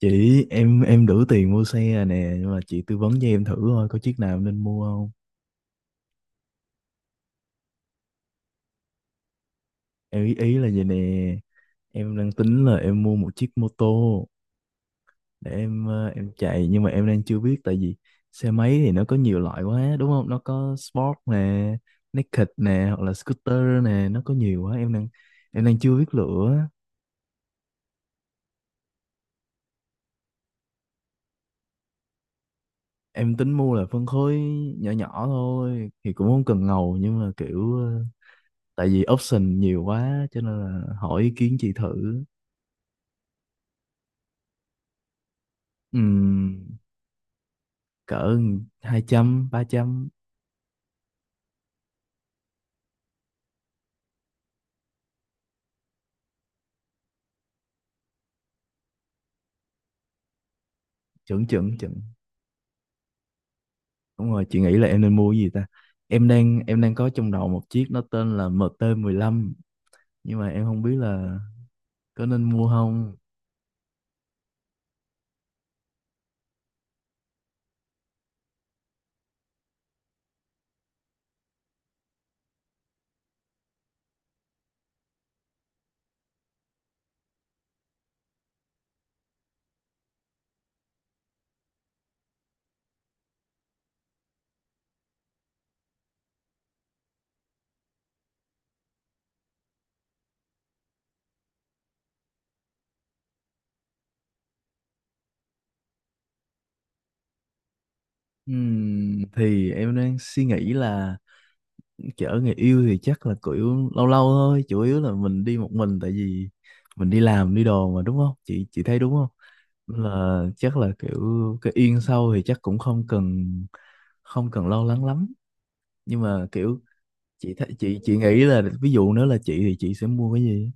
Chị, em đủ tiền mua xe rồi nè, nhưng mà chị tư vấn cho em thử thôi, có chiếc nào nên mua không? Em ý ý là vậy nè. Em đang tính là em mua một chiếc mô tô để em em chạy, nhưng mà em đang chưa biết, tại vì xe máy thì nó có nhiều loại quá đúng không, nó có sport nè, naked nè, hoặc là scooter nè, nó có nhiều quá, em đang chưa biết lựa. Em tính mua là phân khối nhỏ nhỏ thôi, thì cũng không cần ngầu, nhưng mà kiểu tại vì option nhiều quá cho nên là hỏi ý kiến chị thử. Ừm, cỡ 200 300. Chuẩn, chuẩn, chuẩn. Đúng rồi, chị nghĩ là em nên mua cái gì ta? Em đang có trong đầu một chiếc, nó tên là MT15, nhưng mà em không biết là có nên mua không. Thì em đang suy nghĩ là chở người yêu thì chắc là kiểu lâu lâu thôi, chủ yếu là mình đi một mình, tại vì mình đi làm đi đồ mà đúng không? Chị thấy đúng không? Nên là chắc là kiểu cái yên sau thì chắc cũng không cần lo lắng lắm, nhưng mà kiểu chị thấy- chị nghĩ là ví dụ nếu là chị thì chị sẽ mua cái gì.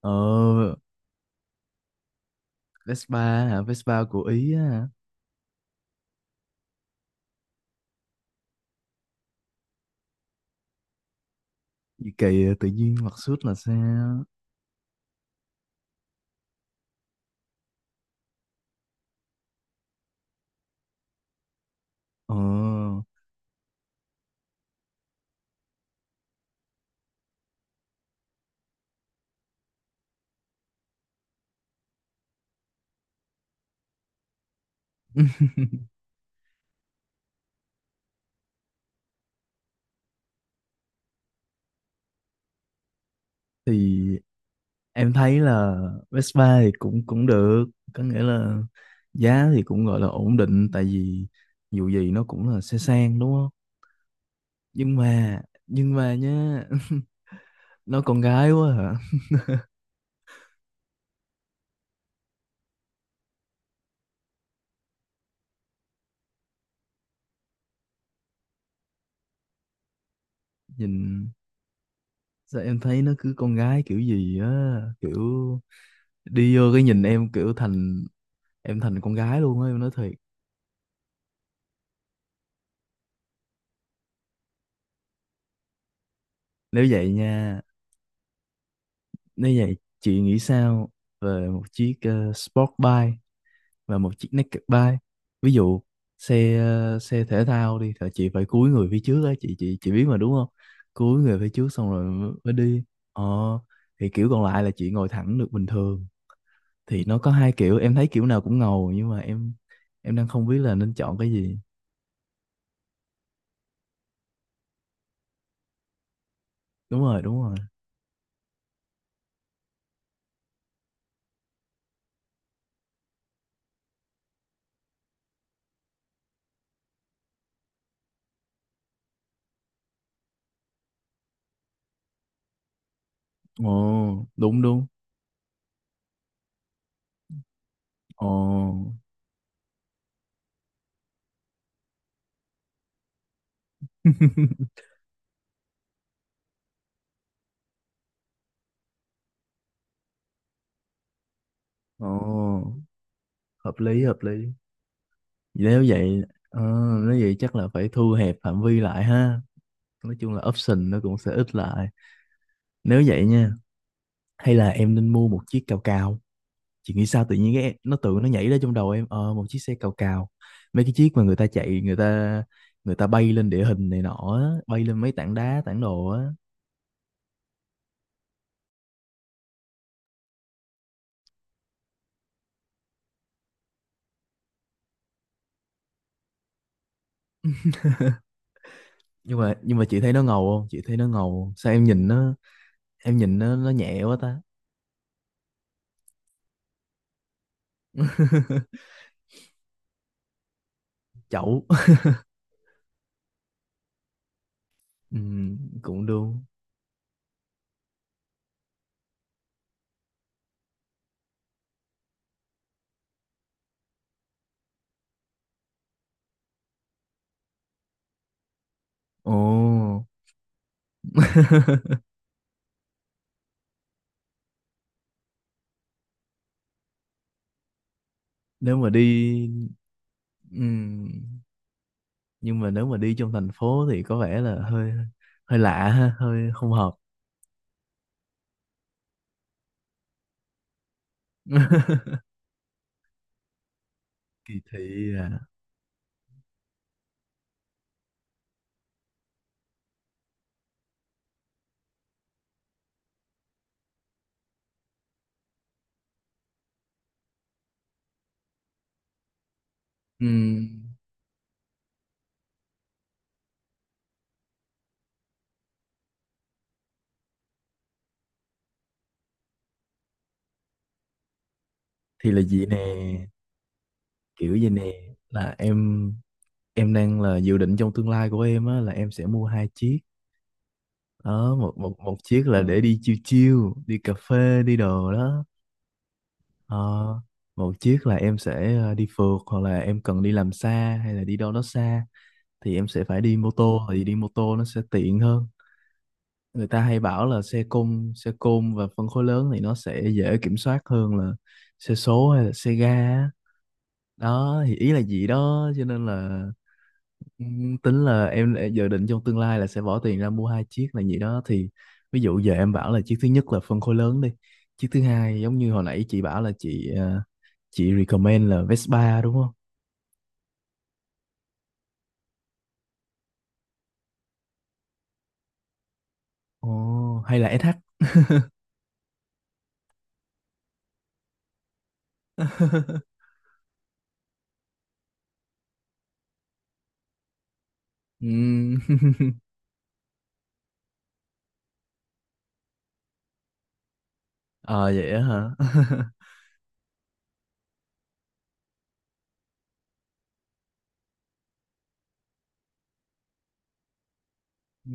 Ờ, Vespa hả? Vespa của Ý á hả? Gì kỳ, tự nhiên mặc suit là sao? Ờ, thì em thấy là Vespa thì cũng cũng được, có nghĩa là giá thì cũng gọi là ổn định, tại vì dù gì nó cũng là xe sang đúng không, nhưng mà, nhưng mà nhá. Nó con gái quá hả? Nhìn sao em thấy nó cứ con gái kiểu gì á, kiểu đi vô cái nhìn em kiểu thành em thành con gái luôn á, em nói thiệt. Nếu vậy nha, nếu vậy chị nghĩ sao về một chiếc sport bike và một chiếc naked bike? Ví dụ xe xe thể thao đi thì chị phải cúi người phía trước á, chị biết mà đúng không? Cúi người phía trước xong rồi mới mới đi. Ờ, thì kiểu còn lại là chị ngồi thẳng được bình thường, thì nó có hai kiểu, em thấy kiểu nào cũng ngầu, nhưng mà em đang không biết là nên chọn cái gì. Đúng rồi, đúng rồi. Ồ, đúng, đúng. Ồ. Ồ, hợp lý hợp lý. Nếu vậy, ờ, nếu vậy chắc là phải thu hẹp phạm vi lại ha. Nói chung là option nó cũng sẽ ít lại. Nếu vậy nha, hay là em nên mua một chiếc cào cào. Chị nghĩ sao, tự nhiên cái nó tự nó nhảy ra trong đầu em một chiếc xe cào cào. Mấy cái chiếc mà người ta chạy, người ta bay lên địa hình này nọ, á, bay lên mấy tảng đá, tảng đồ á. Nhưng mà chị thấy nó ngầu không? Chị thấy nó ngầu không? Sao em nhìn nó, em nhìn nó nhẹ quá ta. Chậu. Ừ, cũng được. Ồ, nếu mà đi, ừm, nhưng mà nếu mà đi trong thành phố thì có vẻ là hơi hơi lạ ha, hơi không hợp. Kỳ thị à. Ừm, thì là gì nè, kiểu gì nè, là em đang là dự định trong tương lai của em á là em sẽ mua hai chiếc. Đó, một một một chiếc là để đi chill chill, đi cà phê, đi đồ đó. Ờ, một chiếc là em sẽ đi phượt, hoặc là em cần đi làm xa hay là đi đâu đó xa, thì em sẽ phải đi mô tô, thì đi mô tô nó sẽ tiện hơn. Người ta hay bảo là xe côn và phân khối lớn thì nó sẽ dễ kiểm soát hơn là xe số hay là xe ga á. Đó thì ý là gì đó, cho nên là tính là em đã dự định trong tương lai là sẽ bỏ tiền ra mua hai chiếc là gì đó, thì ví dụ giờ em bảo là chiếc thứ nhất là phân khối lớn đi, chiếc thứ hai giống như hồi nãy chị bảo là chị recommend là Vespa đúng không. Ồ, hay là SH? Ừm. Ờ vậy á hả? Ừ.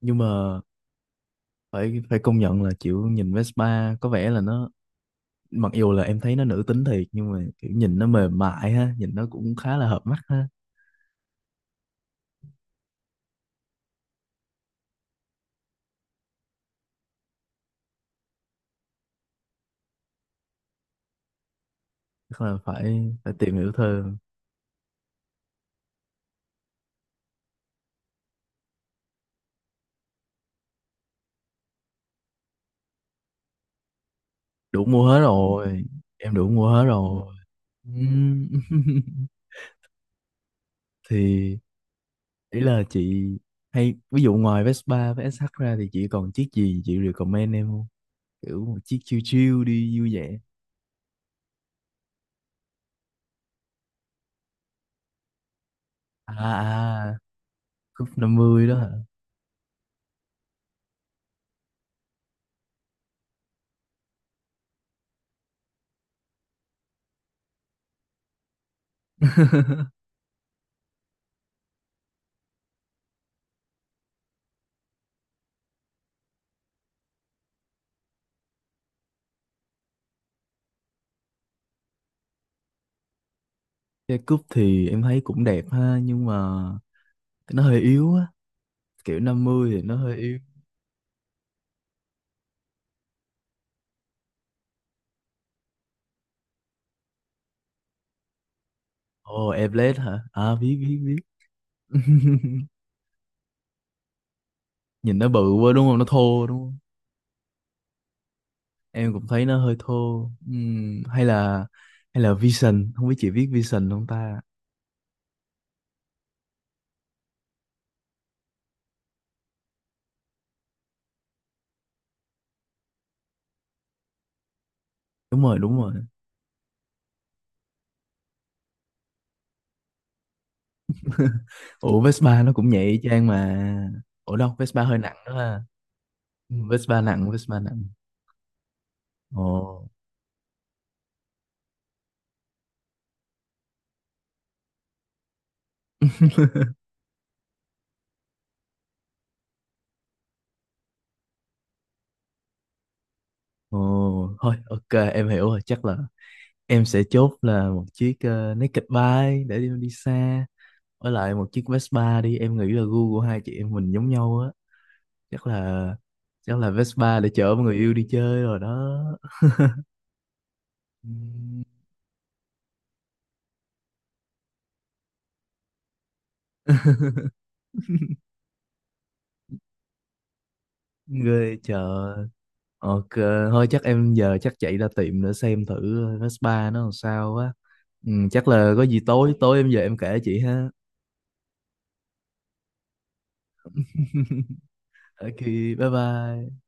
Nhưng mà phải phải công nhận là kiểu nhìn Vespa có vẻ là nó, mặc dù là em thấy nó nữ tính thiệt nhưng mà kiểu nhìn nó mềm mại ha, nhìn nó cũng khá là hợp mắt ha. Chắc là phải phải tìm hiểu thêm. Đủ mua hết rồi. Em đủ mua hết rồi. Ừm. Thì ý là chị, hay ví dụ ngoài Vespa với SH ra thì chị còn chiếc gì chị recommend em không? Kiểu một chiếc chill chill đi vui vẻ. À, à, cúp 50 đó. Cái cúp thì em thấy cũng đẹp ha, nhưng mà nó hơi yếu á, kiểu 50 thì nó hơi yếu. Ồ, oh, Airblade hả? À, biết, biết, biết. Nhìn nó bự quá đúng không, nó thô đúng không? Em cũng thấy nó hơi thô. Hay là Vision, không biết chị biết Vision không ta. Đúng rồi, đúng rồi. Ủa Vespa nó cũng nhẹ y chang mà. Ủa đâu, Vespa hơi nặng đó ha. Vespa nặng, Vespa nặng. Ồ. Ồ, thôi ok em hiểu rồi, chắc là em sẽ chốt là một chiếc naked bike để đi, xa, với lại một chiếc Vespa. Đi em nghĩ là gu của hai chị em mình giống nhau á, chắc là, chắc là Vespa để chở người yêu đi chơi rồi đó. Ừm. Ghê chợ. Ok, thôi chắc em giờ chắc chạy ra tiệm để xem thử Vespa nó làm sao á. Chắc là có gì tối tối em về em kể chị ha. Ok, bye bye.